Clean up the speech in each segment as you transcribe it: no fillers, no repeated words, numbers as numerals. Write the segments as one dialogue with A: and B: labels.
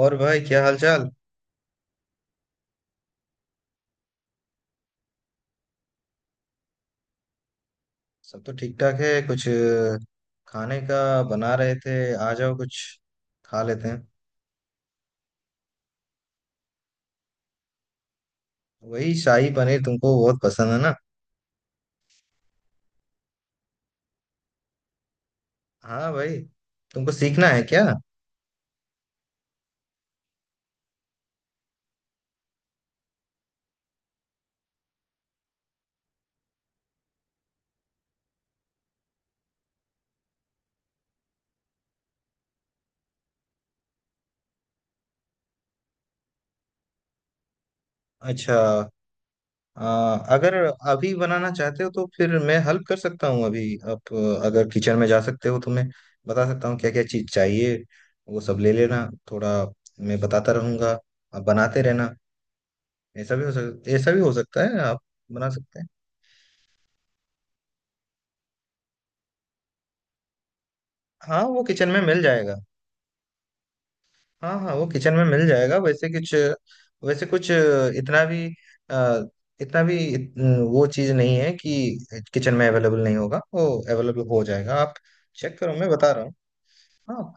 A: और भाई, क्या हाल चाल। सब तो ठीक ठाक है। कुछ खाने का बना रहे थे। आ जाओ कुछ खा लेते हैं। वही शाही पनीर तुमको बहुत पसंद है ना। हाँ भाई, तुमको सीखना है क्या? अच्छा। अ, अगर अभी बनाना चाहते हो तो फिर मैं हेल्प कर सकता हूँ। अभी आप अगर किचन में जा सकते हो तो मैं बता सकता हूँ क्या क्या चीज़ चाहिए। वो सब ले लेना। थोड़ा मैं बताता रहूँगा। आप बनाते रहना। ऐसा भी हो सकता है आप बना सकते हैं। हाँ, वो किचन में मिल जाएगा। हाँ हाँ, वो किचन में मिल जाएगा। वैसे कुछ इतना भी अ, इतना भी वो चीज़ नहीं है कि किचन में अवेलेबल नहीं होगा। वो अवेलेबल हो जाएगा। आप चेक करो, मैं बता रहा हूँ। हाँ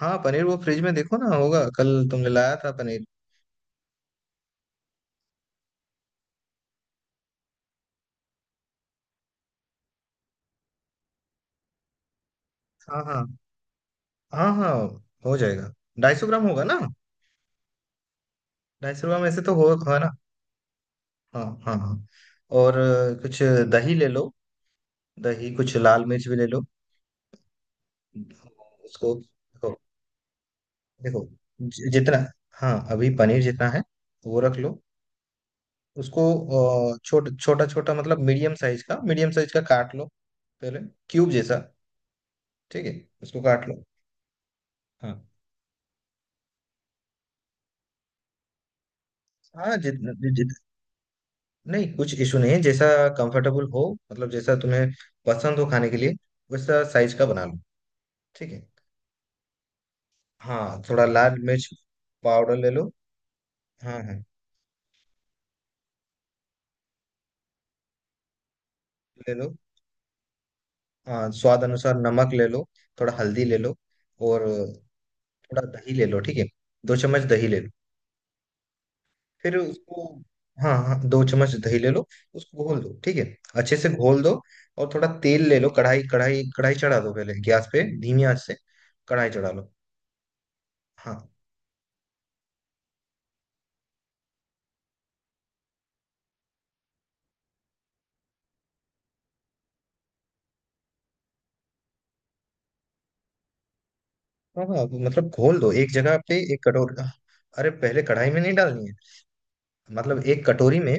A: हाँ, पनीर वो फ्रिज में देखो ना, होगा। कल तुमने लाया था पनीर। हाँ हाँ हाँ हाँ, हो जाएगा। 250 ग्राम होगा ना। 250 ग्राम ऐसे तो हो होगा ना। हाँ हाँ हाँ। और कुछ दही ले लो। दही, कुछ लाल मिर्च भी ले लो उसको। देखो जितना, हाँ अभी पनीर जितना है वो रख लो उसको। छोटा छोटा छोटा मतलब मीडियम साइज का काट लो पहले, क्यूब जैसा। ठीक है, उसको काट लो। हाँ हाँ, नहीं कुछ इशू नहीं है, जैसा कंफर्टेबल हो, मतलब जैसा तुम्हें पसंद हो खाने के लिए वैसा साइज का बना लो। ठीक है। हाँ, थोड़ा लाल मिर्च पाउडर ले लो। हाँ हाँ ले लो। हाँ, स्वाद अनुसार नमक ले लो। थोड़ा हल्दी ले लो। और थोड़ा दही ले लो, ठीक है। 2 चम्मच दही ले लो फिर उसको। हाँ हाँ, 2 चम्मच दही ले लो, उसको घोल दो, ठीक है। अच्छे से घोल दो। और थोड़ा तेल ले लो। कढ़ाई कढ़ाई कढ़ाई चढ़ा दो पहले गैस पे, धीमी आंच से कढ़ाई चढ़ा लो। हाँ हाँ हाँ, मतलब घोल दो एक जगह पे, एक कटोरी। अरे पहले कढ़ाई में नहीं डालनी है, मतलब एक कटोरी में।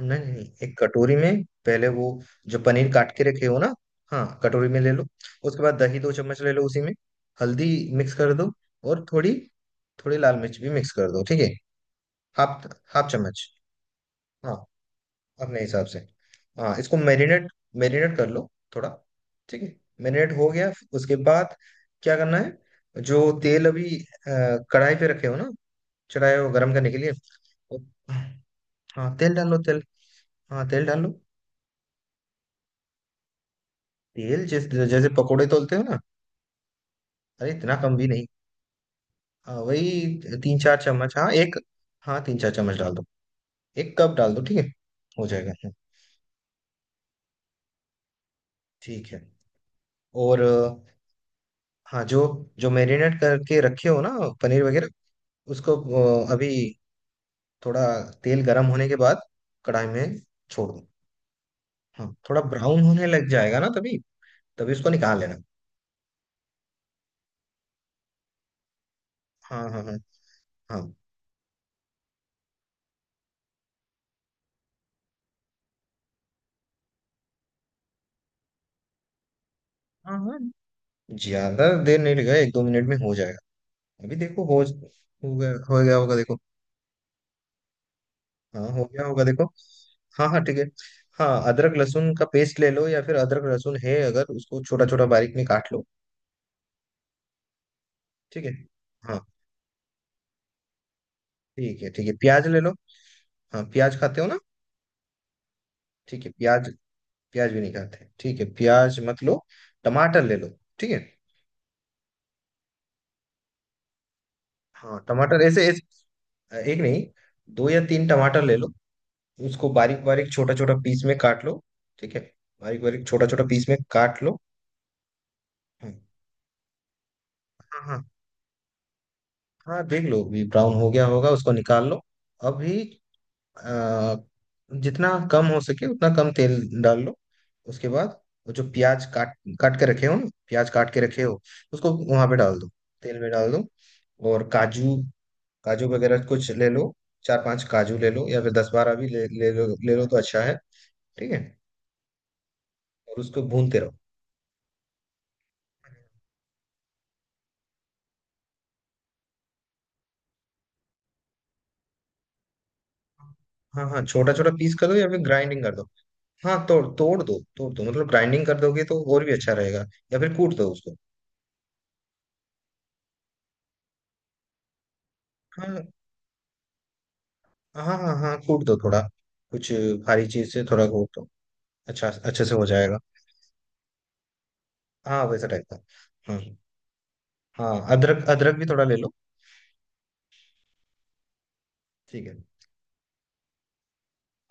A: नहीं नहीं नहीं, एक कटोरी में पहले वो जो पनीर काट के रखे हो ना। हाँ कटोरी में ले लो। उसके बाद दही 2 चम्मच ले लो उसी में, हल्दी मिक्स कर दो। और थोड़ी थोड़ी लाल मिर्च भी मिक्स कर दो, ठीक है। हाफ हाफ चम्मच। हाँ, अपने हिसाब से। हाँ, इसको मैरिनेट मैरिनेट कर लो थोड़ा। ठीक है, मैरिनेट हो गया। उसके बाद क्या करना है, जो तेल अभी कढ़ाई पे रखे हो ना, चढ़ाए हो गर्म करने के लिए। वो- हाँ तेल डालो, तेल। हाँ तेल डालो, तेल। जिस जैसे पकोड़े तोलते हो ना। अरे इतना कम भी नहीं। हाँ, वही 3 4 चम्मच। हाँ एक, हाँ 3 4 चम्मच डाल दो। एक कप डाल दो, ठीक है। हो जाएगा, हाँ, ठीक है। और, हाँ, जो जो मैरिनेट करके रखे हो ना, पनीर वगैरह, उसको अभी थोड़ा तेल गर्म होने के बाद कढ़ाई में छोड़ दो। हाँ, थोड़ा ब्राउन होने लग जाएगा ना, तभी तभी उसको निकाल लेना। हाँ हाँ हाँ हाँ हाँ हाँ, ज्यादा देर नहीं लगेगा, 1 2 मिनट में हो जाएगा। अभी देखो हो गया हो गया होगा, देखो। हाँ हो गया होगा, देखो। हाँ हाँ, ठीक है। हाँ, अदरक लहसुन का पेस्ट ले लो, या फिर अदरक लहसुन है अगर, उसको छोटा छोटा बारीक में काट लो। ठीक है। हाँ, ठीक है, ठीक है, प्याज ले लो। हाँ, प्याज खाते हो ना। ठीक है प्याज प्याज भी नहीं खाते, ठीक है प्याज मत लो। टमाटर ले लो, ठीक है। हाँ, टमाटर ऐसे ऐसे एक नहीं, दो या तीन टमाटर ले लो। उसको बारीक बारीक छोटा छोटा पीस में काट लो। ठीक है, बारीक बारीक छोटा छोटा पीस में काट लो। हम्म, हाँ हाँ हाँ, देख लो भी, ब्राउन हो गया होगा, उसको निकाल लो। अभी अ, जितना कम हो सके उतना कम तेल डाल लो। उसके बाद वो जो प्याज काट काट के रखे हो ना, प्याज काट के रखे हो, उसको वहां पे डाल दो, तेल में डाल दो। और काजू काजू वगैरह कुछ ले लो। चार पांच काजू ले लो, या फिर दस बारह भी ले ले लो। ले लो तो अच्छा है। ठीक है। और उसको भूनते रहो। हाँ हाँ, छोटा छोटा पीस कर दो या फिर ग्राइंडिंग कर दो। हाँ, तोड़ तोड़ दो, तोड़ दो मतलब, ग्राइंडिंग कर दोगे तो और भी अच्छा रहेगा। या फिर कूट दो उसको। हाँ हाँ हाँ हाँ, कूट दो थोड़ा, कुछ भारी चीज से थोड़ा कूट दो। अच्छा, अच्छे से हो जाएगा। हाँ, वैसा टाइप का। हाँ हाँ, अदरक अदरक भी थोड़ा ले लो। ठीक है।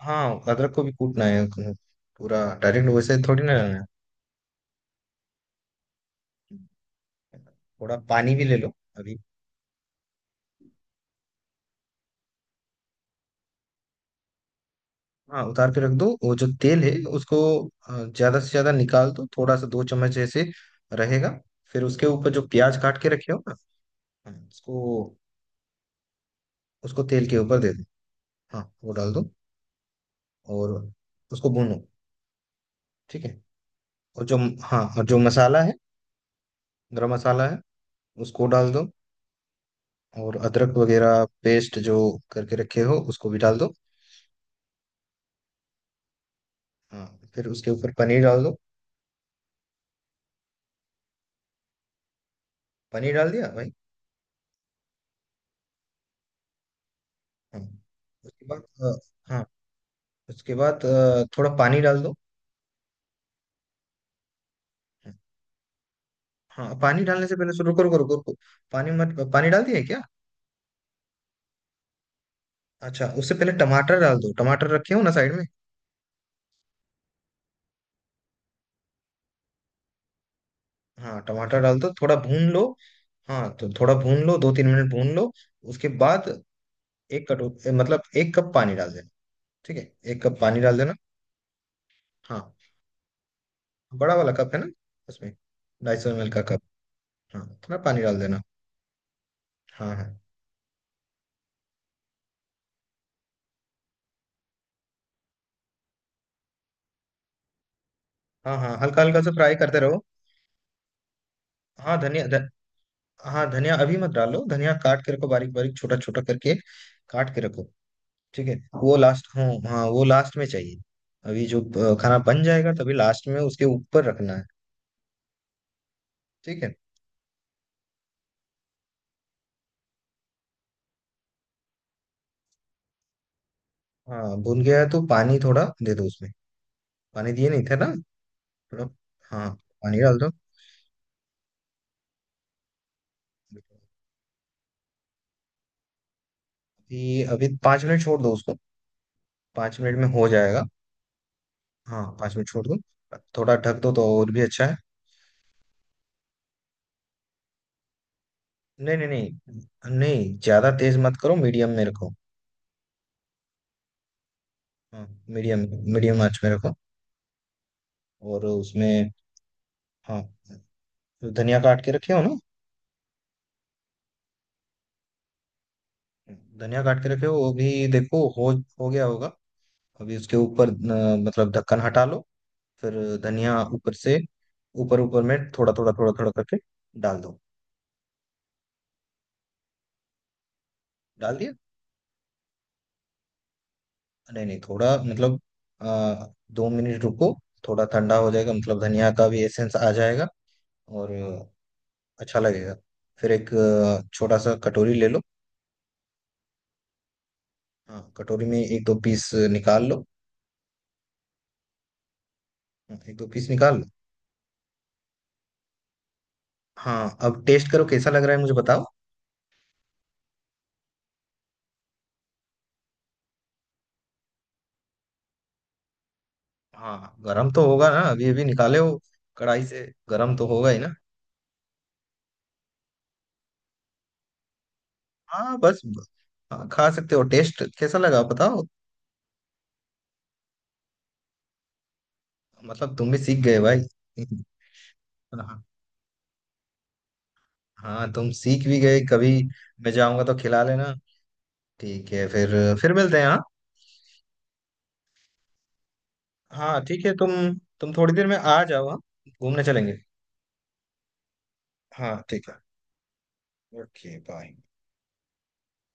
A: हाँ, अदरक को भी कूटना है, पूरा डायरेक्ट वैसे थोड़ी ना लेना है। थोड़ा पानी भी ले लो। अभी, हाँ, उतार के रख दो। वो जो तेल है उसको ज्यादा से ज्यादा निकाल दो, थोड़ा सा दो चम्मच ऐसे रहेगा। फिर उसके ऊपर जो प्याज काट के रखे हो ना, हाँ, उसको उसको तेल के ऊपर दे दो। हाँ वो डाल दो। और उसको भूनो, ठीक है। और जो, हाँ, और जो मसाला है, गरम मसाला है, उसको डाल दो। और अदरक वगैरह पेस्ट जो करके रखे हो उसको भी डाल दो। हाँ, फिर उसके ऊपर पनीर डाल दो। पनीर डाल दिया भाई। हाँ। उसके बाद हाँ, उसके बाद थोड़ा पानी डाल दो। हाँ, पानी डालने से पहले रुको रुको रुको रुको, पानी मत पानी डाल दिया है क्या? अच्छा, उससे पहले टमाटर डाल दो, टमाटर रखे हो ना साइड में। हाँ टमाटर डाल दो, थोड़ा भून लो। हाँ तो थोड़ा भून लो, 2 3 मिनट भून लो। उसके बाद एक कटोरी मतलब एक कप पानी डाल देना, ठीक है, एक कप पानी डाल देना। हाँ, बड़ा वाला कप है ना, उसमें 250 ml का कप। हाँ, थोड़ा पानी डाल देना। हाँ हाँ हाँ हाँ, हल्का हल्का से फ्राई करते रहो। हाँ धनिया ध, हाँ, धनिया अभी मत डालो, धनिया काट के रखो बारीक बारीक छोटा छोटा करके काट के रखो। ठीक है, वो लास्ट, हाँ हाँ, वो लास्ट में चाहिए। अभी जो खाना बन जाएगा तभी लास्ट में उसके ऊपर रखना है। ठीक है। हाँ, भुन गया है तो पानी थोड़ा दे दो उसमें, पानी दिए नहीं थे ना थोड़ा। हाँ, पानी डाल दो। अभी अभी 5 मिनट छोड़ दो उसको। 5 मिनट में हो जाएगा। हाँ 5 मिनट छोड़ दूँ। थोड़ा ढक दो तो और भी अच्छा है। नहीं नहीं नहीं नहीं, ज़्यादा तेज मत करो, मीडियम में रखो। हाँ, मीडियम मीडियम आंच में रखो। और उसमें, हाँ, धनिया काट के रखे हो ना, धनिया काट के रखे हो वो भी देखो, हो गया होगा। अभी उसके ऊपर मतलब ढक्कन हटा लो, फिर धनिया ऊपर से ऊपर ऊपर में थोड़ा थोड़ा थोड़ा थोड़ा करके डाल दो। डाल दिया। नहीं नहीं, थोड़ा, मतलब आ, 2 मिनट रुको। थोड़ा ठंडा हो जाएगा, मतलब धनिया का भी एसेंस आ जाएगा और अच्छा लगेगा। फिर एक छोटा सा कटोरी ले लो। हाँ, कटोरी में एक दो पीस निकाल लो। हाँ, एक दो पीस निकाल लो। हाँ, अब टेस्ट करो, कैसा लग रहा है मुझे बताओ। हाँ गरम तो होगा ना, अभी अभी निकाले हो कढ़ाई से, गरम तो होगा ही ना। हाँ बस, हाँ, खा सकते हो। टेस्ट कैसा लगा बताओ। मतलब तुम भी सीख गए भाई। हाँ तुम सीख भी गए, कभी मैं जाऊंगा तो खिला लेना। ठीक है फिर मिलते हैं, हाँ। हाँ ठीक है, तुम थोड़ी देर में आ जाओ, हाँ, घूमने चलेंगे। हाँ ठीक है। Okay bye.